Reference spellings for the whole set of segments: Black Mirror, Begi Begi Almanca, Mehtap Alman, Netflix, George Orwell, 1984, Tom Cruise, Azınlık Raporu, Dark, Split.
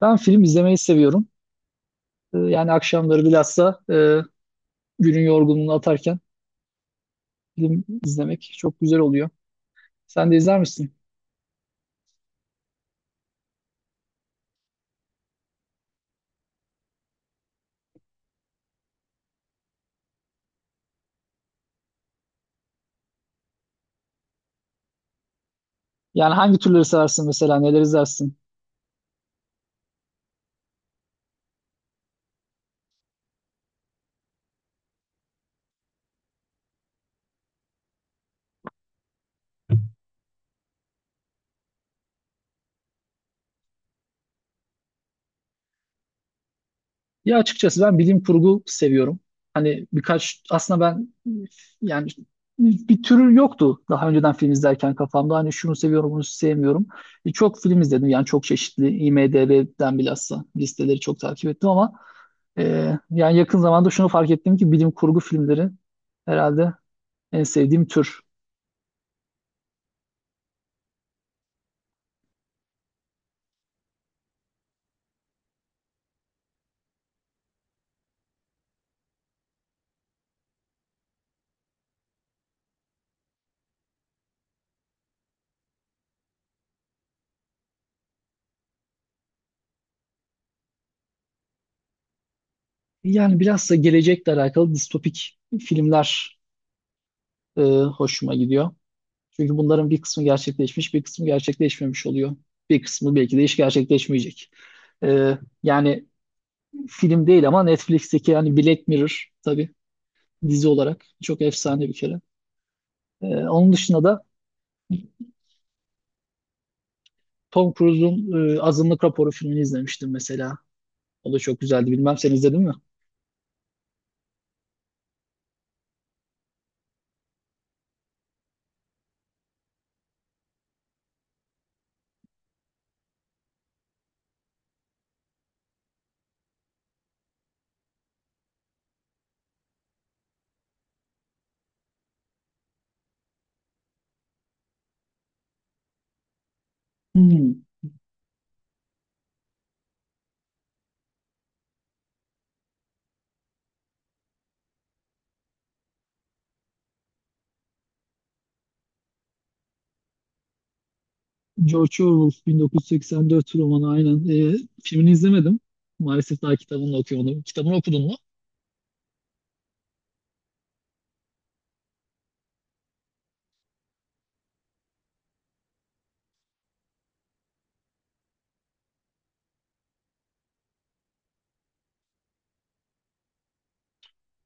Ben film izlemeyi seviyorum. Yani akşamları bilhassa günün yorgunluğunu atarken film izlemek çok güzel oluyor. Sen de izler misin? Yani hangi türleri seversin mesela, neler izlersin? Ya açıkçası ben bilim kurgu seviyorum. Hani birkaç, aslında ben yani bir türü yoktu daha önceden film izlerken kafamda. Hani şunu seviyorum, bunu sevmiyorum. Çok film izledim yani çok çeşitli. IMDb'den bilhassa listeleri çok takip ettim ama yani yakın zamanda şunu fark ettim ki bilim kurgu filmleri herhalde en sevdiğim tür. Yani biraz da gelecekle alakalı distopik filmler e, hoşuma gidiyor. Çünkü bunların bir kısmı gerçekleşmiş, bir kısmı gerçekleşmemiş oluyor. Bir kısmı belki de hiç gerçekleşmeyecek. Yani film değil ama Netflix'teki yani Black Mirror tabii dizi olarak çok efsane bir kere. Onun dışında da Tom Cruise'un Azınlık Raporu filmini izlemiştim mesela. O da çok güzeldi. Bilmem sen izledin mi? Hmm. George Orwell 1984 romanı aynen. Ee, Filmini izlemedim. Maalesef daha kitabını da okuyamadım. Kitabını okudun mu?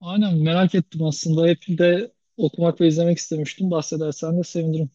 Aynen merak ettim aslında. Hep de okumak ve izlemek istemiştim. Bahsedersen de sevinirim.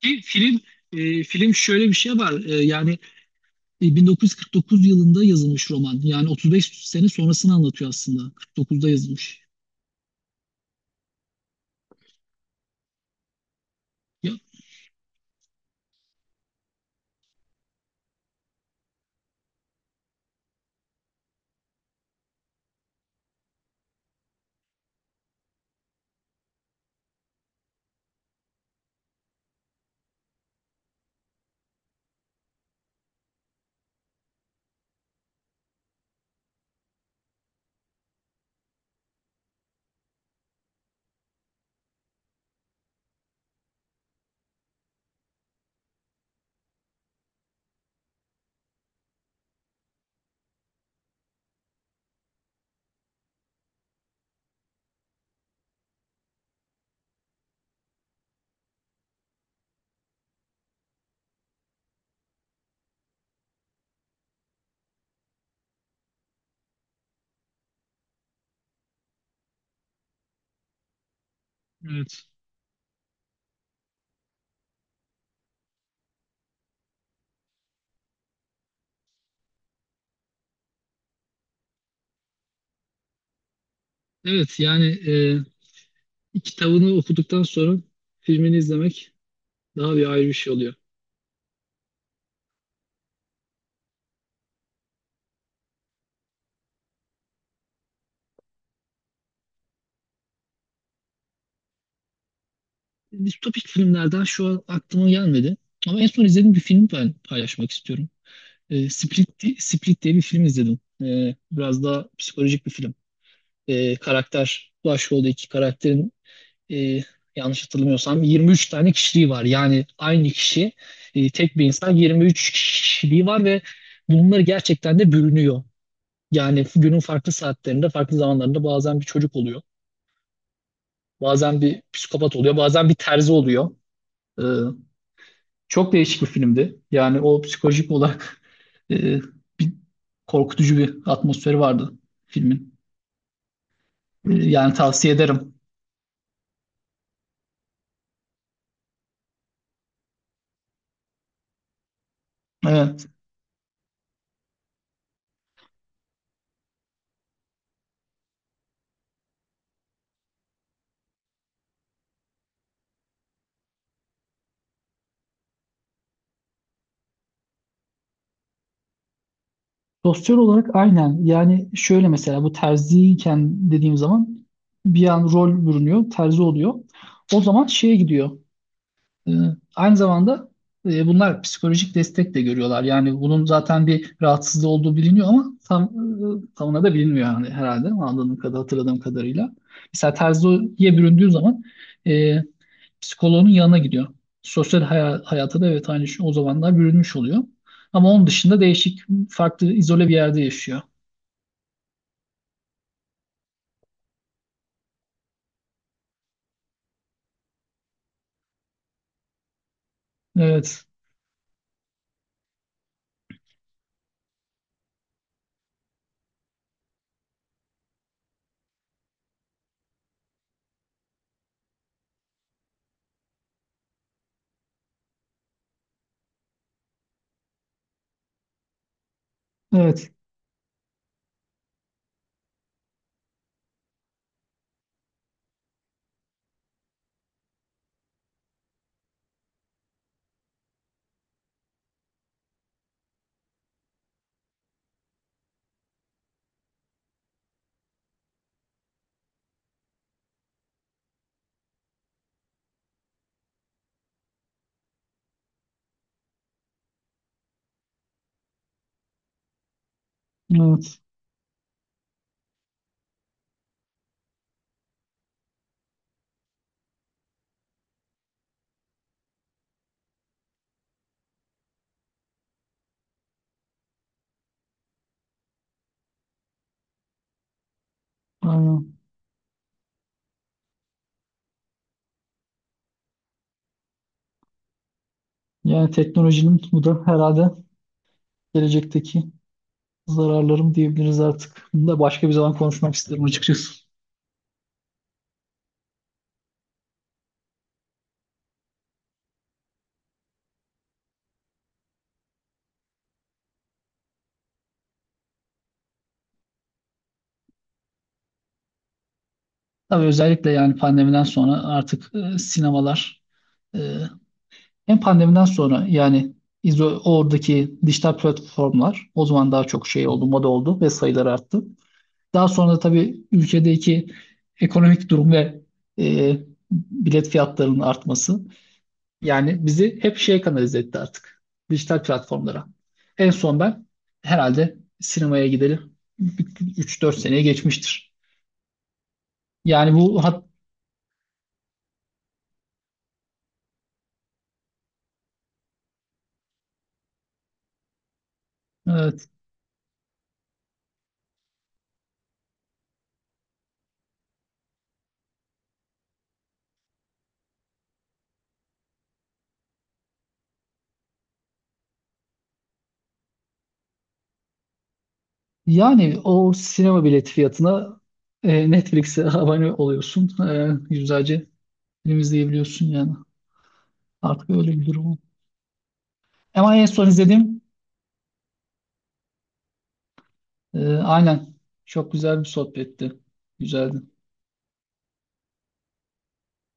Ki film, film şöyle bir şey var. 1949 yılında yazılmış roman. Yani 35 sene sonrasını anlatıyor aslında. 49'da yazılmış. Ya, evet. Evet yani kitabını okuduktan sonra filmini izlemek daha bir ayrı bir şey oluyor. Distopik filmlerden şu an aklıma gelmedi. Ama en son izlediğim bir film ben paylaşmak istiyorum. Split, Split diye bir film izledim. Biraz daha psikolojik bir film. Karakter, başrolde iki karakterin e, yanlış hatırlamıyorsam 23 tane kişiliği var. Yani aynı kişi, tek bir insan 23 kişiliği var ve bunlar gerçekten de bürünüyor. Yani günün farklı saatlerinde, farklı zamanlarında bazen bir çocuk oluyor. Bazen bir psikopat oluyor, bazen bir terzi oluyor. Ee, Çok değişik bir filmdi. Yani o psikolojik olarak e, bir korkutucu bir atmosferi vardı filmin. Yani tavsiye ederim. Evet. Sosyal olarak aynen. Yani şöyle mesela bu terziyken dediğim zaman bir an rol bürünüyor, terzi oluyor. O zaman şeye gidiyor. Ee, Aynı zamanda bunlar psikolojik destek de görüyorlar. Yani bunun zaten bir rahatsızlığı olduğu biliniyor ama tam tamına da bilinmiyor yani herhalde anladığım kadar hatırladığım kadarıyla. Mesela terziye büründüğü zaman e, psikoloğunun yanına gidiyor. Sosyal hayata da evet aynı şey o zamanlar bürünmüş oluyor. Ama onun dışında değişik, farklı, izole bir yerde yaşıyor. Evet, evet, evet, aynen. Yani teknolojinin bu da herhalde gelecekteki zararlarım diyebiliriz artık. Bunu da başka bir zaman konuşmak isterim açıkçası. Tabii özellikle yani pandemiden sonra artık sinemalar e, hem pandemiden sonra yani oradaki dijital platformlar o zaman daha çok şey oldu, moda oldu ve sayıları arttı. Daha sonra da tabii ülkedeki ekonomik durum ve e, bilet fiyatlarının artması yani bizi hep şeye kanalize etti artık. Dijital platformlara. En son ben herhalde sinemaya gideli 3-4 seneye geçmiştir. Yani bu hat, evet, yani o sinema bileti fiyatına Netflix'e abone oluyorsun. Yüzlerce film izleyebiliyorsun yani. Artık öyle bir durum. Ama en son izlediğim aynen. Çok güzel bir sohbetti. Güzeldi.